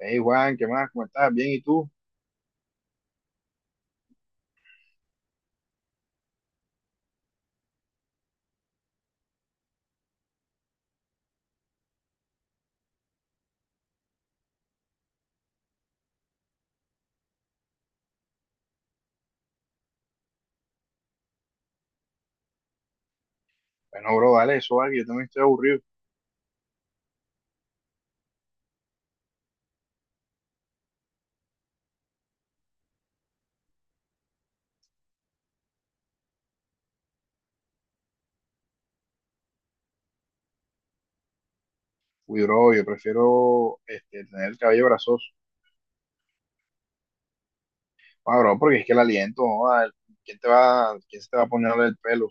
Hey Juan, ¿qué más? ¿Cómo estás? Bien, ¿y tú? Bueno, bro, dale eso, vale, que yo también estoy aburrido. Uy, bro, yo prefiero este, tener el cabello grasoso. Ah, bro, porque es que el aliento, joda, ¿quién se te va a poner el pelo?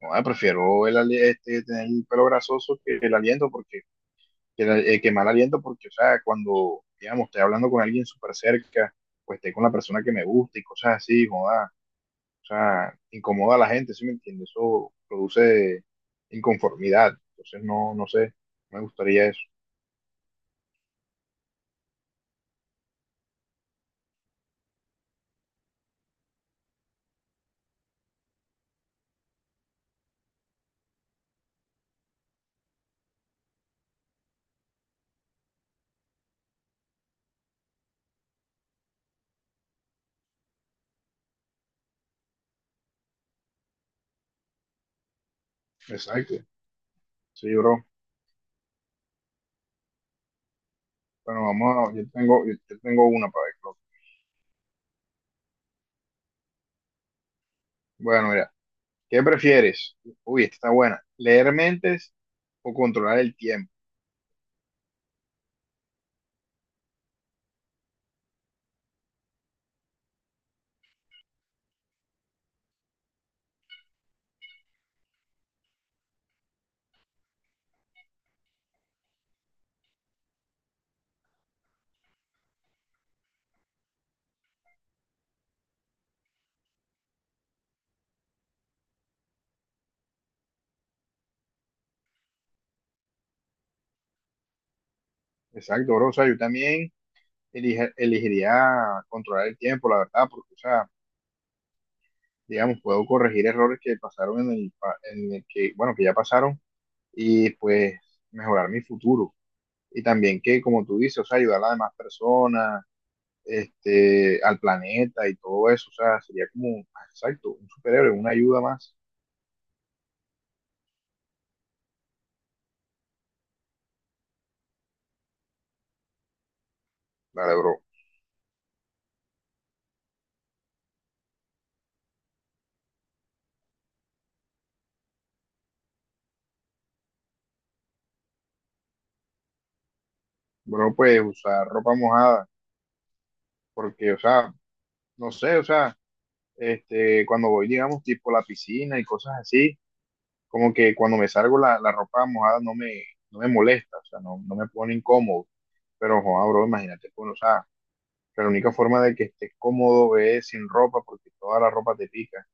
No, prefiero este, tener el pelo grasoso que el aliento, porque que, el, que mal aliento, porque, o sea, cuando, digamos, estoy hablando con alguien súper cerca, pues estoy con la persona que me gusta y cosas así, joda. O sea, incomoda a la gente, ¿sí me entiendes? Eso produce inconformidad. Entonces, no sé, me gustaría eso. Exacto. Sí, bro. Bueno, vamos a, yo tengo, yo yo tengo una para ver, creo. Bueno, mira, ¿qué prefieres? Uy, esta está buena. ¿Leer mentes o controlar el tiempo? Exacto, bro. O sea, yo también elegiría controlar el tiempo, la verdad, porque, o sea, digamos, puedo corregir errores que pasaron en el que, bueno, que ya pasaron y pues mejorar mi futuro. Y también que, como tú dices, o sea, ayudar a las demás personas, este, al planeta y todo eso. O sea, sería como, exacto, un superhéroe, una ayuda más. Vale, bro. Bro, pues usar ropa mojada, porque, o sea, no sé, o sea, este, cuando voy, digamos, tipo a la piscina y cosas así, como que cuando me salgo la ropa mojada no me molesta. O sea, no me pone incómodo, pero, joder, bro, imagínate, pues, o sea, que la única forma de que estés cómodo es sin ropa, porque toda la ropa te pica.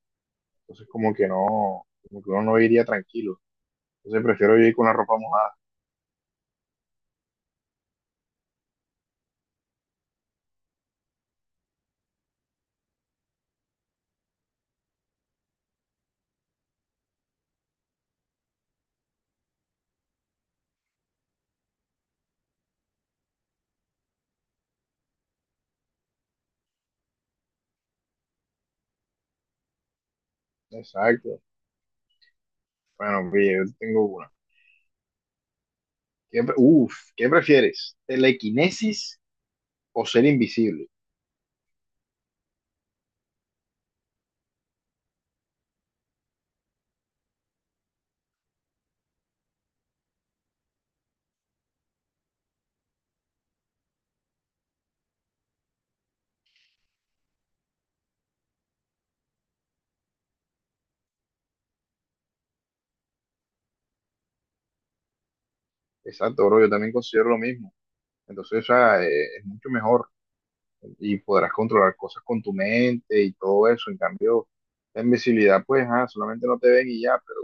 Entonces como que no, como que uno no iría tranquilo. Entonces prefiero yo ir con la ropa mojada. Exacto. Bueno, pille, yo tengo una. ¿Qué prefieres? ¿Telequinesis o ser invisible? Exacto, bro, yo también considero lo mismo. Entonces, o sea, es mucho mejor y podrás controlar cosas con tu mente y todo eso. En cambio, la invisibilidad, pues, ah, solamente no te ven y ya, pero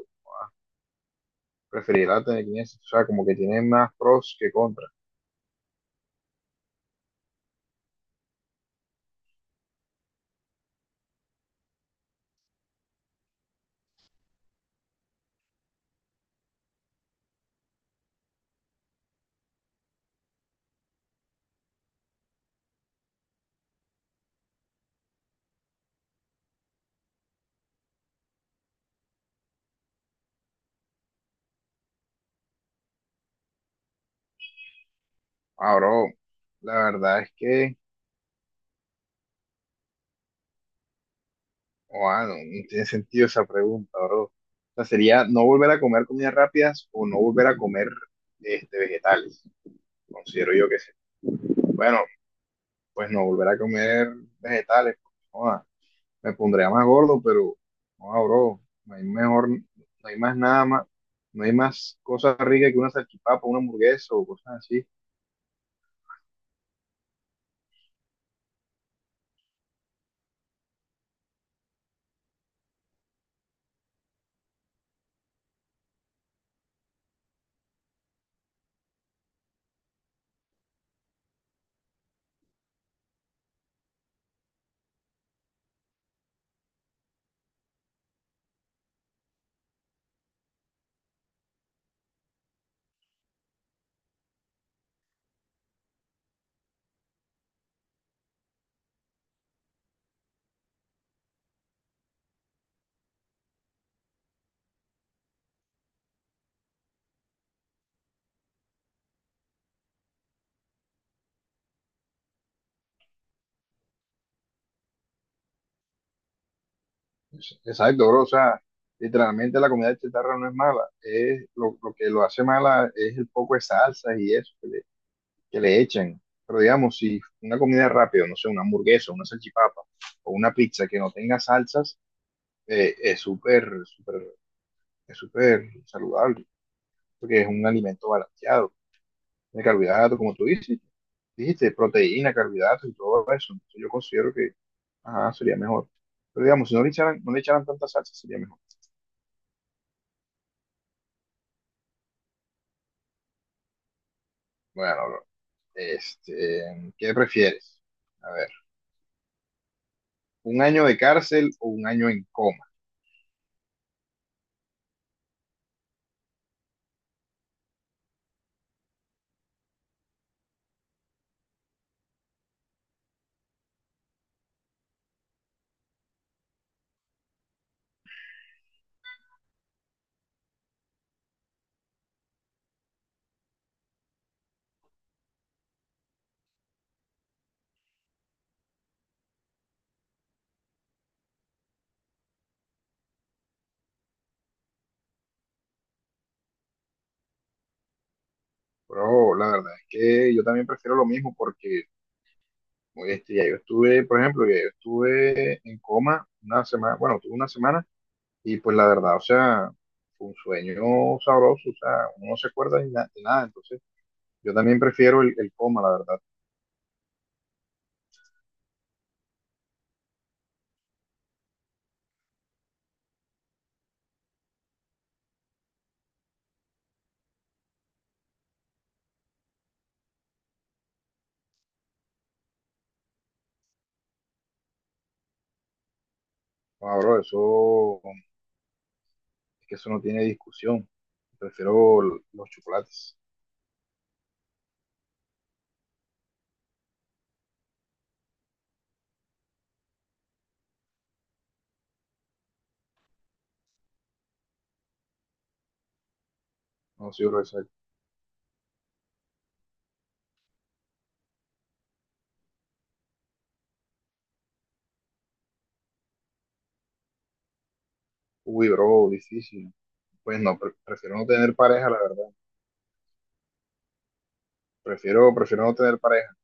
preferir la telequinesis. O sea, como que tiene más pros que contras. Ah, bro, la verdad es que... Guau, no, no tiene sentido esa pregunta, bro. O sea, sería no volver a comer comidas rápidas o no volver a comer este, vegetales. Considero yo que sí. Bueno, pues no volver a comer vegetales. Pues, joda, me pondría más gordo, pero joda, bro, no hay mejor, no hay más nada más, no hay más cosas ricas que una salchipapa, una hamburguesa o cosas así. Exacto, bro. O sea, literalmente la comida de chatarra no es mala. Es lo que lo hace mala es el poco de salsas y eso que le echan. Pero digamos, si una comida rápida, no sé, una hamburguesa, una salchipapa o una pizza que no tenga salsas, es súper, súper, es súper saludable, porque es un alimento balanceado de carbohidratos, como dijiste, proteína, carbohidratos y todo eso. Entonces yo considero que ajá, sería mejor. Pero digamos, si no le echaran tanta salsa, sería mejor. Bueno, bro, este, ¿qué prefieres? A ver, ¿un año de cárcel o un año en coma? Pero la verdad es que yo también prefiero lo mismo porque oye, este bestia. Yo estuve, por ejemplo, ya yo estuve en coma una semana, bueno, tuve una semana y pues la verdad, o sea, fue un sueño sabroso. O sea, uno no se acuerda de, de nada, entonces yo también prefiero el coma, la verdad. No, bro, eso, es que eso no tiene discusión. Prefiero los chocolates. No, sí, bro, eso es- uy, bro, difícil. Pues no, prefiero no tener pareja, la verdad. Prefiero no tener pareja.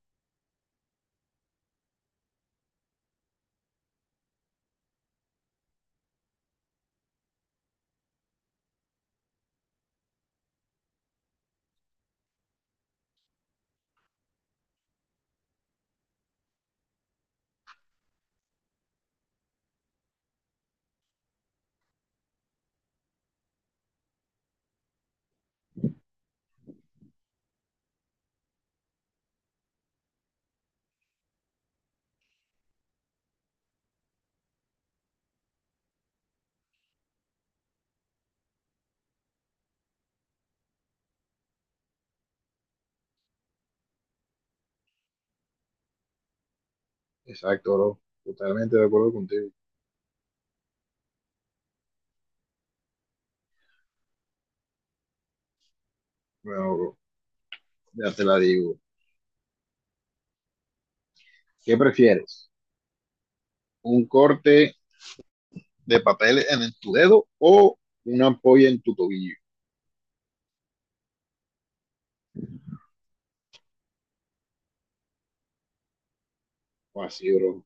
Exacto, bro. Totalmente de acuerdo contigo. Bueno, bro, ya te la digo. ¿Qué prefieres? Un corte de papel en tu dedo o una ampolla en tu tobillo. O así, bro.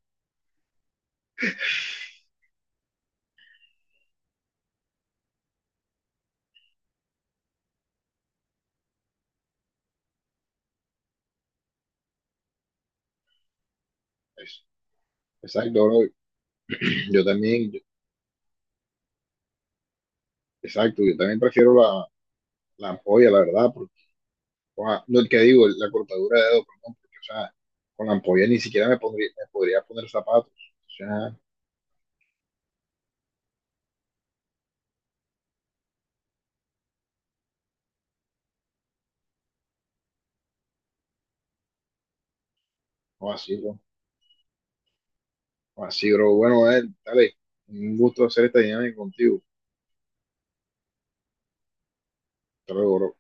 Eso. Exacto, bro. Yo también, yo- exacto, yo también prefiero la ampolla, la verdad, porque, o sea, no el que digo, la cortadura de dedo, perdón, porque, o sea, con la ampolla ni siquiera me podría poner zapatos. O sea, o así, bro. O así, bro. Bueno, dale, un gusto hacer esta dinámica contigo. Hasta luego, bro.